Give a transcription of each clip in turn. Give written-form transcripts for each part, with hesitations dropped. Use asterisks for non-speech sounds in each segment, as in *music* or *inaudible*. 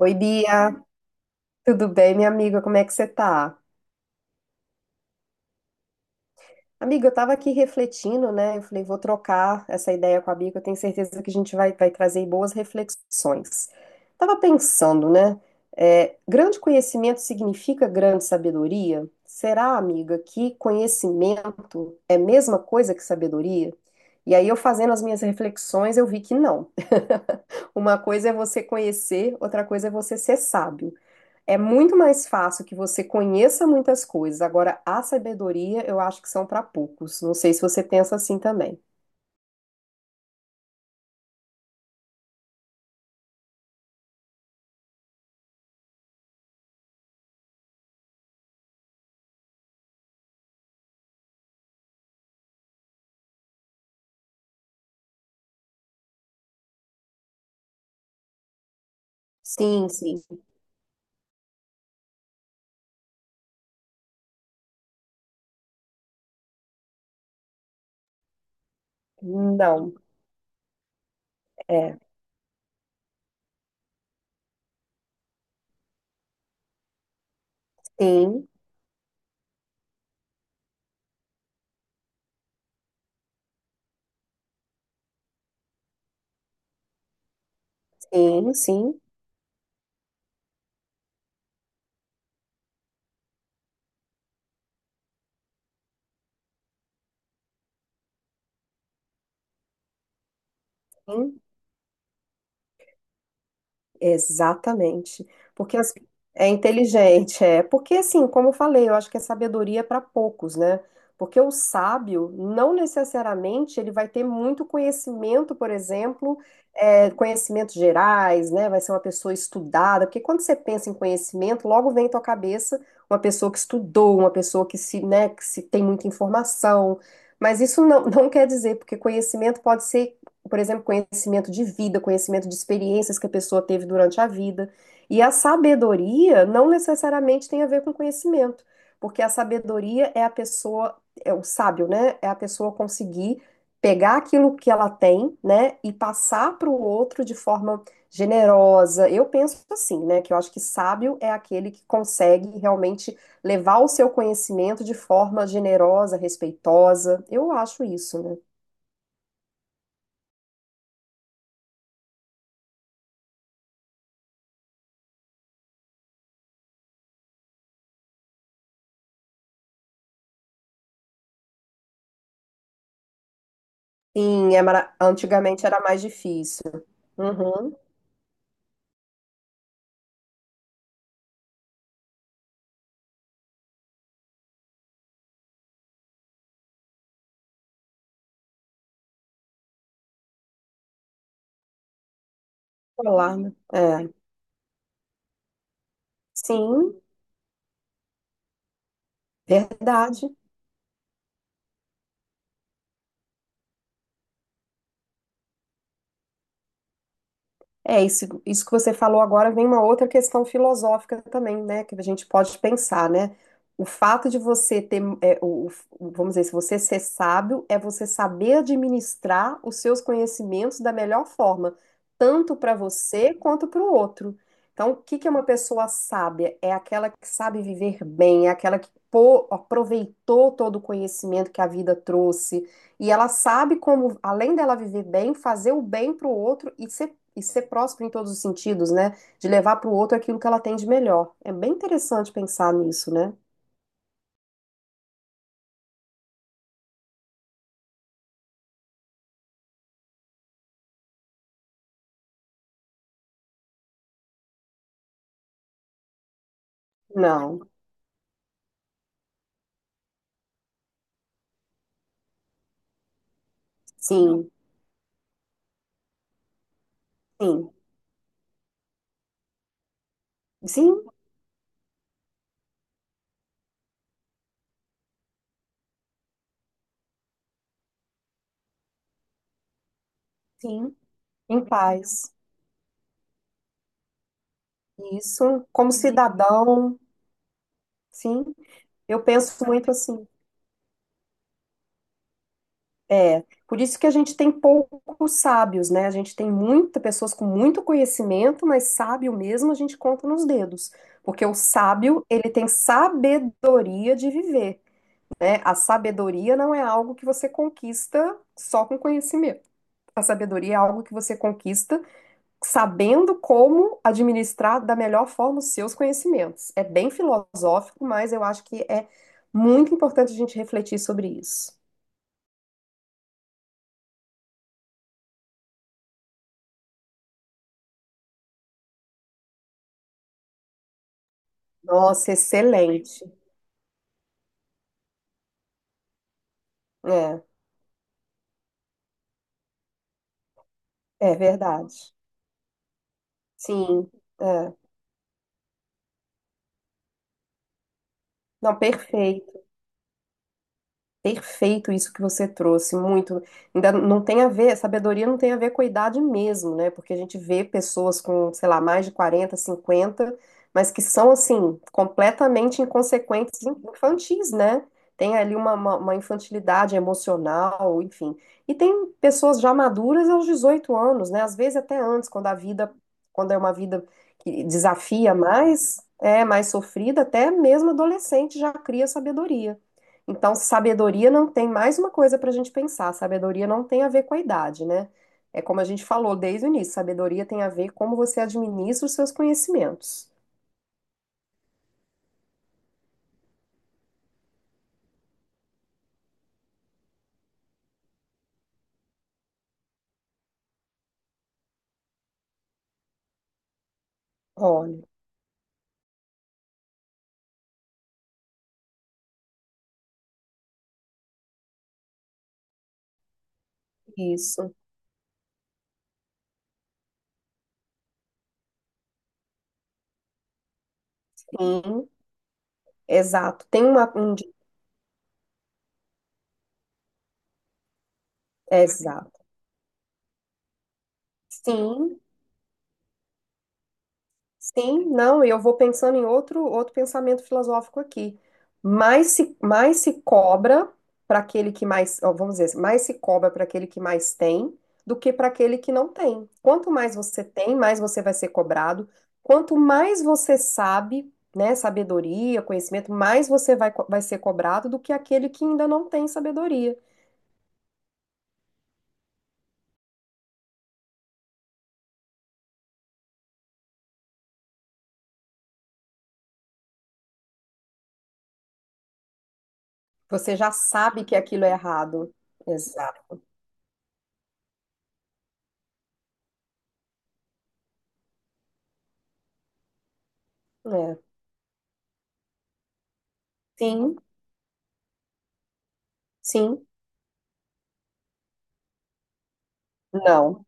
Oi, Bia, tudo bem, minha amiga? Como é que você tá? Amiga, eu tava aqui refletindo, né? Eu falei, vou trocar essa ideia com a Bia, que eu tenho certeza que a gente vai trazer boas reflexões. Tava pensando, né? Grande conhecimento significa grande sabedoria? Será, amiga, que conhecimento é a mesma coisa que sabedoria? E aí, eu fazendo as minhas reflexões, eu vi que não. *laughs* Uma coisa é você conhecer, outra coisa é você ser sábio. É muito mais fácil que você conheça muitas coisas. Agora, a sabedoria eu acho que são para poucos. Não sei se você pensa assim também. Sim, sim. Não. É. Sim, sim, sim. Sim. Exatamente. Porque as- É inteligente, é. Porque assim, como eu falei, eu acho que é sabedoria para poucos, né? Porque o sábio não necessariamente ele vai ter muito conhecimento, por exemplo, conhecimentos gerais, né? Vai ser uma pessoa estudada, porque quando você pensa em conhecimento, logo vem à tua cabeça uma pessoa que estudou, uma pessoa que se, né, que se tem muita informação. Mas isso não, *laughs* não quer dizer, porque conhecimento pode ser, por exemplo, conhecimento de vida, conhecimento de experiências que a pessoa teve durante a vida. E a sabedoria não necessariamente tem a ver com conhecimento, porque a sabedoria é a pessoa, é o sábio, né? É a pessoa conseguir pegar aquilo que ela tem, né, e passar para o outro de forma generosa. Eu penso assim, né, que eu acho que sábio é aquele que consegue realmente levar o seu conhecimento de forma generosa, respeitosa. Eu acho isso, né? Sim, antigamente era mais difícil. Uhum. Alarme. É. Sim, verdade. É, isso que você falou agora vem uma outra questão filosófica também, né? Que a gente pode pensar, né? O fato de você ter, vamos dizer, se você ser sábio, é você saber administrar os seus conhecimentos da melhor forma, tanto para você quanto para o outro. Então, o que que é uma pessoa sábia? É aquela que sabe viver bem, é aquela que aproveitou todo o conhecimento que a vida trouxe. E ela sabe como, além dela viver bem, fazer o bem para o outro e ser próspero em todos os sentidos, né? De levar para o outro aquilo que ela tem de melhor. É bem interessante pensar nisso, né? Não, sim, sim, sim, sim, em paz. Isso, como cidadão, sim, eu penso muito assim. É, por isso que a gente tem poucos sábios, né? A gente tem muitas pessoas com muito conhecimento, mas sábio mesmo a gente conta nos dedos. Porque o sábio, ele tem sabedoria de viver. A sabedoria não é algo que você conquista só com conhecimento. A sabedoria é algo que você conquista sabendo como administrar da melhor forma os seus conhecimentos. É bem filosófico, mas eu acho que é muito importante a gente refletir sobre isso. Nossa, excelente. É, é verdade. Sim, é. Não, perfeito. Perfeito isso que você trouxe, muito. Ainda não tem a ver, sabedoria não tem a ver com a idade mesmo, né? Porque a gente vê pessoas com, sei lá, mais de 40 50, mas que são, assim, completamente inconsequentes, infantis, né? Tem ali uma infantilidade emocional, enfim. E tem pessoas já maduras aos 18 anos, né? Às vezes até antes, quando é uma vida que desafia mais, é mais sofrida, até mesmo adolescente já cria sabedoria. Então, sabedoria não tem mais uma coisa para a gente pensar. Sabedoria não tem a ver com a idade, né? É como a gente falou desde o início, sabedoria tem a ver como você administra os seus conhecimentos. Olha, isso. Sim, exato. Tem exato. Sim, sim, não, e eu vou pensando em outro pensamento filosófico aqui. Mais se cobra para aquele que mais, ó, vamos dizer, assim, mais se cobra para aquele que mais tem do que para aquele que não tem. Quanto mais você tem, mais você vai ser cobrado. Quanto mais você sabe, né, sabedoria, conhecimento, mais você vai ser cobrado do que aquele que ainda não tem sabedoria. Você já sabe que aquilo é errado. Exato. É. Sim, sim, não.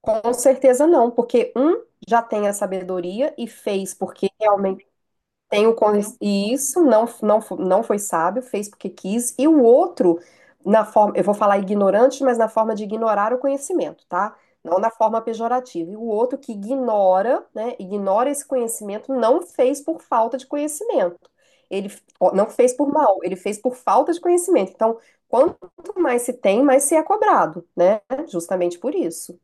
Com certeza não, porque um já tem a sabedoria e fez porque realmente tem o con- e isso não foi sábio, fez porque quis, e o outro na forma, eu vou falar ignorante, mas na forma de ignorar o conhecimento, tá? Não na forma pejorativa. E o outro que ignora, né, ignora esse conhecimento, não fez por falta de conhecimento. Ó, não fez por mal, ele fez por falta de conhecimento. Então, quanto mais se tem, mais se é cobrado, né? Justamente por isso,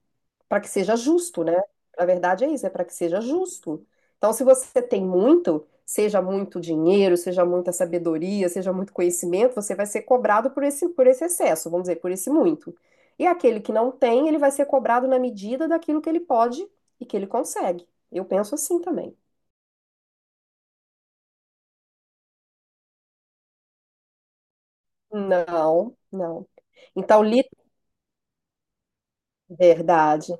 para que seja justo, né? Na verdade é isso, é para que seja justo. Então, se você tem muito, seja muito dinheiro, seja muita sabedoria, seja muito conhecimento, você vai ser cobrado por esse excesso, vamos dizer, por esse muito. E aquele que não tem, ele vai ser cobrado na medida daquilo que ele pode e que ele consegue. Eu penso assim também. Não, não. Então, li verdade.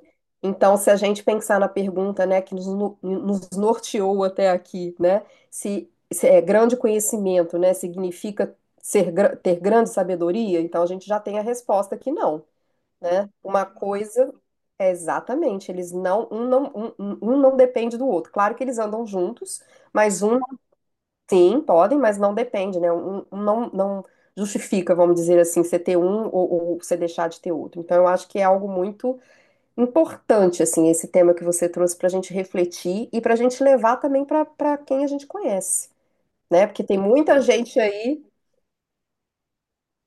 Então, se a gente pensar na pergunta, né, que nos, no- nos norteou até aqui, né, se é grande conhecimento, né, significa ter grande sabedoria, então a gente já tem a resposta que não, né? Uma coisa é exatamente, eles não, um não, um- um não depende do outro. Claro que eles andam juntos, mas um sim, podem, mas não depende, né? Um não justifica, vamos dizer assim, você ter um ou você deixar de ter outro. Então, eu acho que é algo muito importante, assim, esse tema que você trouxe para a gente refletir e para a gente levar também para quem a gente conhece, né? Porque tem muita gente aí.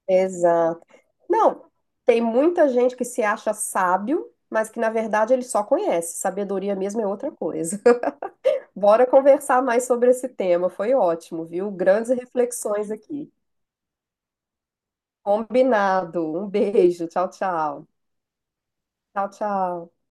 Exato. Não, tem muita gente que se acha sábio, mas que na verdade ele só conhece. Sabedoria mesmo é outra coisa. *laughs* Bora conversar mais sobre esse tema. Foi ótimo, viu? Grandes reflexões aqui. Combinado. Um beijo. Tchau, tchau. Tchau, tchau.